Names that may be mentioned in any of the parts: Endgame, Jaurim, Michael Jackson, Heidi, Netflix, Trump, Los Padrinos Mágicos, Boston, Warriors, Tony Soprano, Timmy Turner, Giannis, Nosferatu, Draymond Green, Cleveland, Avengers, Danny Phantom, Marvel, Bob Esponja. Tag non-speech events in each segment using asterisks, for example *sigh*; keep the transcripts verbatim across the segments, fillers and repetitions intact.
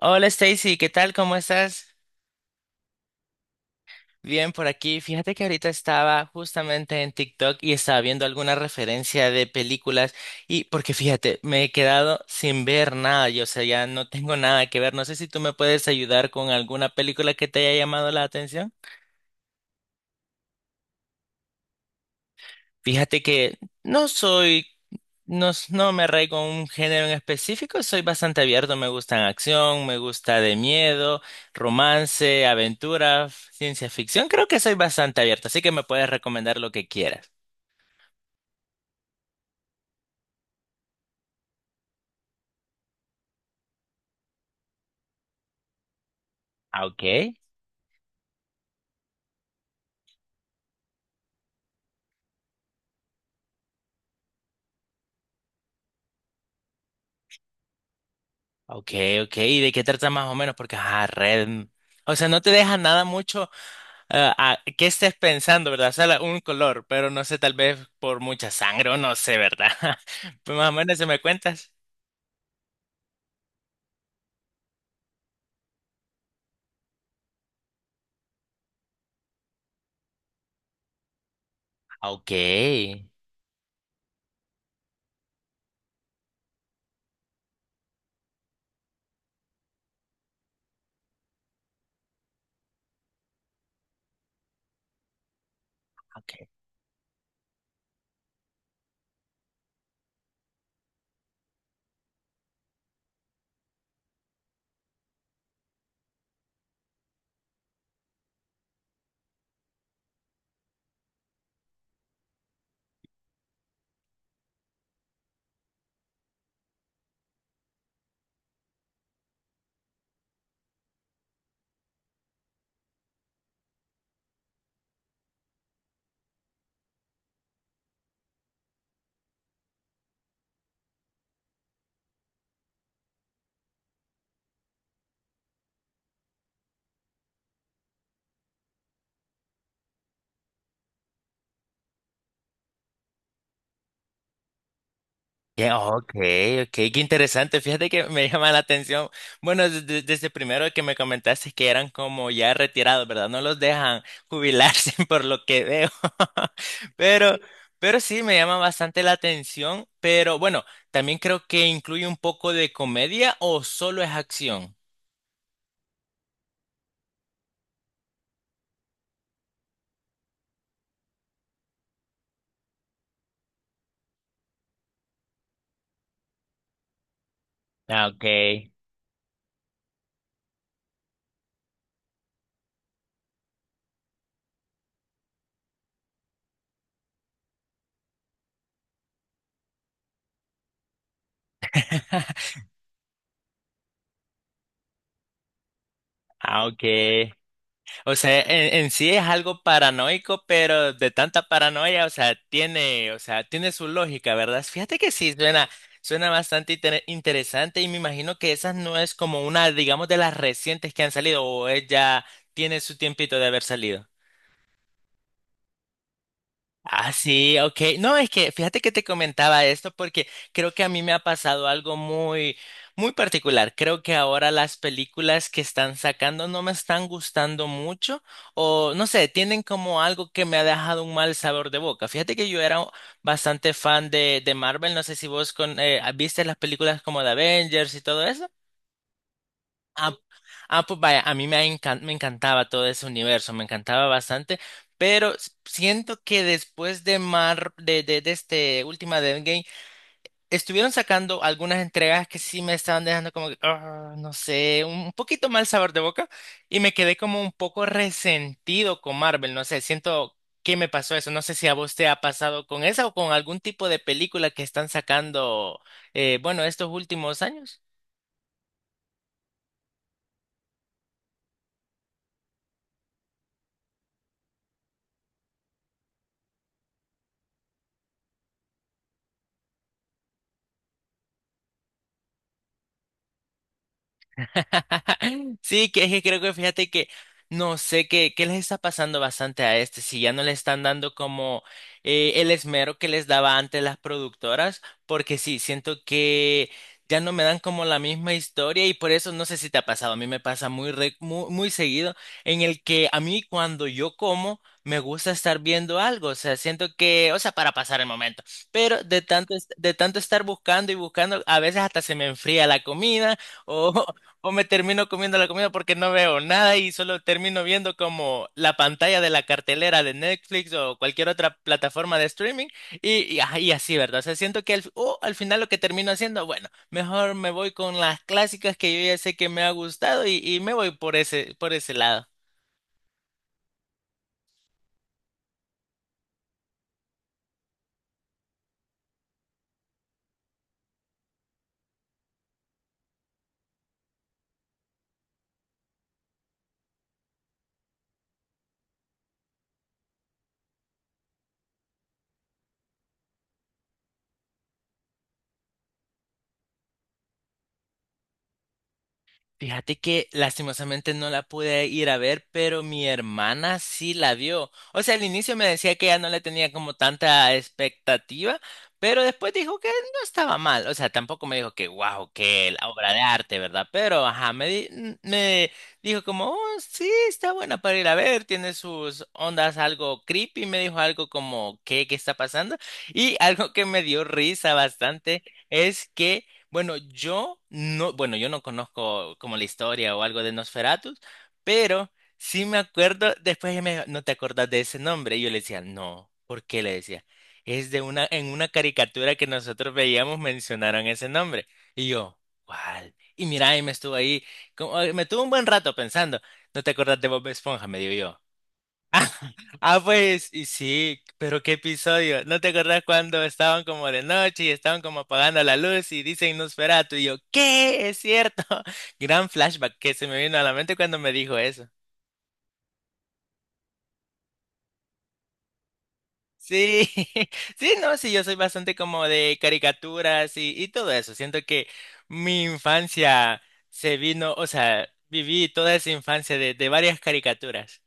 Hola Stacy, ¿qué tal? ¿Cómo estás? Bien por aquí. Fíjate que ahorita estaba justamente en TikTok y estaba viendo alguna referencia de películas y porque fíjate, me he quedado sin ver nada, yo o sea, ya no tengo nada que ver. No sé si tú me puedes ayudar con alguna película que te haya llamado la atención. Fíjate que no soy, no, s- no me arraigo a un género en específico, soy bastante abierto, me gustan acción, me gusta de miedo, romance, aventura, f- ciencia ficción, creo que soy bastante abierto, así que me puedes recomendar lo que quieras. Ah, ok, ok, ok, ¿y de qué trata más o menos? Porque, ah, red, mm, o sea, no te deja nada mucho ah, a qué estés pensando, ¿verdad? O sea, la- un color, pero no sé, tal vez por mucha sangre o no sé, ¿verdad? *laughs* Pues más o menos, ¿se me cuentas? Ah, ok. Ya, ok, ok, qué interesante. Fíjate que me *laughs* llama la atención. Bueno, de- de- desde primero que me comentaste que eran como ya retirados, ¿verdad? No los dejan jubilarse *laughs* por lo que veo. *laughs* Pero, pero sí, me llama bastante la atención. Pero bueno, también creo que incluye un poco de comedia o solo es acción. Ah, ok, ah, ok. O sea, en, en sí es algo paranoico, pero de tanta paranoia, o sea, tiene, o sea, tiene su lógica, ¿verdad? Fíjate que sí, suena, suena bastante inter- interesante y me imagino que esa no es como una, digamos, de las recientes que han salido o ella tiene su tiempito de haber salido. Ah, sí, ok. No, es que fíjate que te comentaba esto porque creo que a mí me ha pasado algo muy, muy particular. Creo que ahora las películas que están sacando no me están gustando mucho o no sé, tienen como algo que me ha dejado un mal sabor de boca. Fíjate que yo era bastante fan de, de Marvel. No sé si vos con, eh, viste las películas como de Avengers y todo eso. Ah, ah, pues vaya, a mí me, encan- me encantaba todo ese universo, me encantaba bastante, pero s- siento que después de Mar, de, de, de este última de Endgame, estuvieron sacando algunas entregas que sí me estaban dejando como que, "Ah, no sé, un un poquito mal sabor de boca, y me quedé como un poco resentido con Marvel, no sé, siento que me pasó eso, no sé si a vos te ha pasado con esa o con algún tipo de película que están sacando, eh, bueno, estos últimos años. *laughs* Sí, que es que creo que fíjate que no sé qué, qué les está pasando bastante a este, si ya no le están dando como eh, el esmero que les daba antes las productoras, porque sí, siento que ya no me dan como la misma historia y por eso no sé si te ha pasado, a mí me pasa muy, re- muy, muy seguido en el que a mí cuando yo como me gusta estar viendo algo, o sea, siento que, o sea, para pasar el momento, pero de tanto, es- de tanto estar buscando y buscando, a veces hasta se me enfría la comida. O o me termino comiendo la comida porque no veo nada y solo termino viendo como la pantalla de la cartelera de Netflix o cualquier otra plataforma de streaming y, y, ajá, y así, ¿verdad? O sea, siento que al, fi- o al final lo que termino haciendo, bueno, mejor me voy con las clásicas que yo ya sé que me ha gustado y, y me voy por ese, por ese lado. Fíjate que lastimosamente no la pude ir a ver, pero mi hermana sí la vio. O sea, al inicio me decía que ya no le tenía como tanta expectativa, pero después dijo que no estaba mal. O sea, tampoco me dijo que wow, que la obra de arte, ¿verdad? Pero ajá, me, di- n- me dijo como, "Oh, sí, está buena para ir a ver, tiene sus ondas algo creepy, me dijo algo como, ¿qué, qué está pasando? Y algo que me dio risa bastante es que bueno, yo no, bueno, yo no conozco como la historia o algo de Nosferatu, pero sí me acuerdo, después ella me dijo, ¿no te acordás de ese nombre? Y yo le decía, no, ¿por qué le decía? Es de una, en una caricatura que nosotros veíamos mencionaron ese nombre. Y yo, ¿cuál? Y mira, y me estuvo ahí, como- me tuvo un buen rato pensando, ¿no te acordás de Bob Esponja? Me digo yo. Ah, pues, y sí, pero qué episodio. ¿No te acordás cuando estaban como de noche y estaban como apagando la luz y dicen Nosferatu? Y yo, ¿qué? Es cierto. *laughs* Gran flashback que se me vino a la mente cuando me dijo eso. Sí, *laughs* sí, no, sí, yo soy bastante como de caricaturas y, y todo eso. Siento que mi infancia se vino, o sea, viví toda esa infancia de, de varias caricaturas.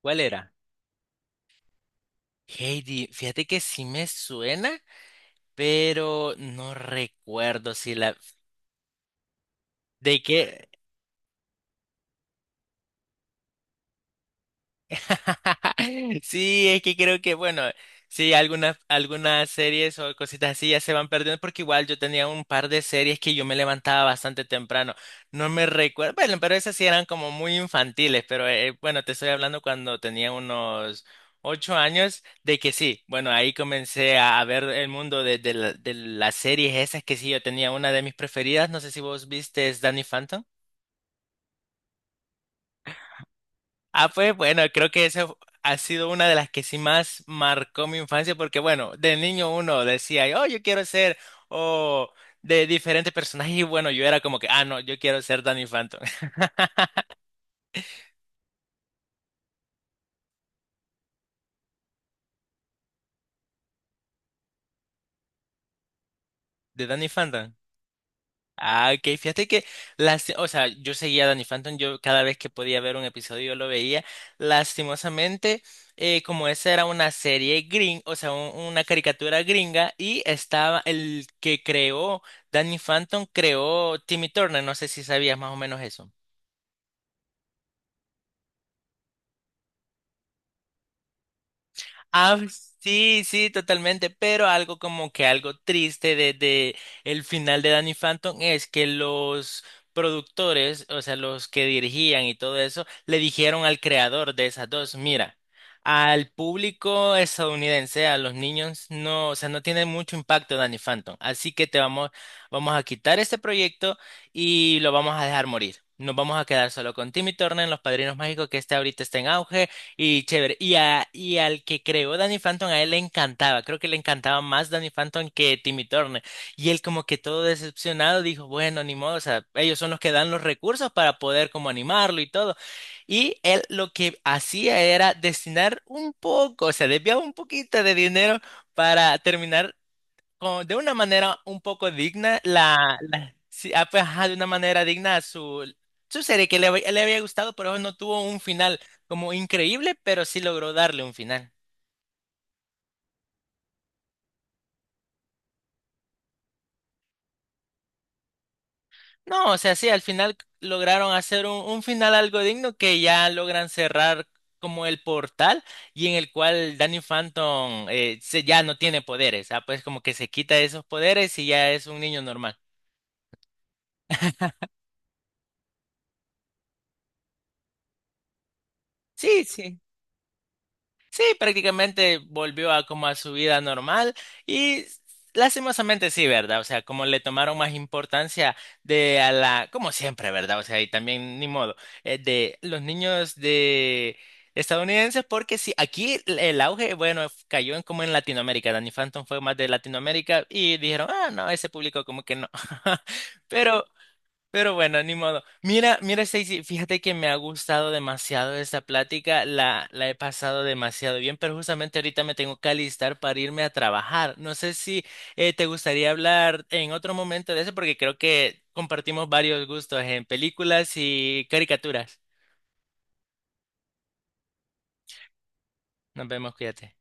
¿Cuál era? Heidi, fíjate que sí me suena. Pero no recuerdo si la... ¿De qué? *laughs* Sí, es que creo que, bueno, sí, algunas, algunas series o cositas así ya se van perdiendo porque igual yo tenía un par de series que yo me levantaba bastante temprano. No me recuerdo, bueno, pero esas sí eran como muy infantiles, pero eh, bueno, te estoy hablando cuando tenía unos ocho años de que sí, bueno, ahí comencé a, a ver el mundo de, de la- de las series esas que sí, yo tenía una de mis preferidas, no sé si vos viste Danny Phantom. Ah, pues bueno, creo que esa ha sido una de las que sí más marcó mi infancia, porque bueno, de niño uno decía, oh, yo quiero ser, o de diferentes personajes, y bueno, yo era como que, ah, no, yo quiero ser Danny Phantom. *laughs* ¿De Danny Phantom? Ah, ok, fíjate que las, o sea, yo seguía a Danny Phantom, yo cada vez que podía ver un episodio yo lo veía. Lastimosamente, eh, como esa era una serie gring, o sea, un- una caricatura gringa, y estaba el que creó Danny Phantom, creó Timmy Turner, no sé si sabías más o menos eso. Ah, sí, sí, totalmente, pero algo como que algo triste de de el final de Danny Phantom es que los productores, o sea, los que dirigían y todo eso, le dijeron al creador de esas dos, mira, al público estadounidense, a los niños, no, o sea, no tiene mucho impacto Danny Phantom, así que te vamos, vamos a quitar este proyecto y lo vamos a dejar morir. Nos vamos a quedar solo con Timmy Turner, Los Padrinos Mágicos, que este ahorita está en auge y chévere. Y, a, y al que creó Danny Phantom, a él le encantaba. Creo que le encantaba más Danny Phantom que Timmy Turner. Y él como que todo decepcionado dijo, bueno, ni modo, o sea, ellos son los que dan los recursos para poder como animarlo y todo. Y él lo que hacía era destinar un poco, o sea, desviaba un poquito de dinero para terminar con- de una manera un poco digna, la, la- sí, ah, pues, ajá, de una manera digna a su, su serie que le, hab- le había gustado, pero no tuvo un final como increíble, pero sí logró darle un final. No, o sea, sí, al final lograron hacer un, un final algo digno que ya logran cerrar como el portal y en el cual Danny Phantom eh, se, ya no tiene poderes, ah, pues como que se quita esos poderes y ya es un niño normal. Sí, sí. Sí, prácticamente volvió a como a su vida normal y lastimosamente sí, ¿verdad? O sea, como le tomaron más importancia de a la, como siempre, ¿verdad? O sea, y también ni modo, eh, de los niños de estadounidenses, porque sí, aquí el el auge, bueno, cayó en como en Latinoamérica, Danny Phantom fue más de Latinoamérica y dijeron, ah, no, ese público como que no. *laughs* Pero pero bueno, ni modo. Mira, mira, Stacy, fíjate que me ha gustado demasiado esta plática, la, la he pasado demasiado bien, pero justamente ahorita me tengo que alistar para irme a trabajar. No sé si eh, te gustaría hablar en otro momento de eso, porque creo que compartimos varios gustos en películas y caricaturas. Nos vemos, cuídate.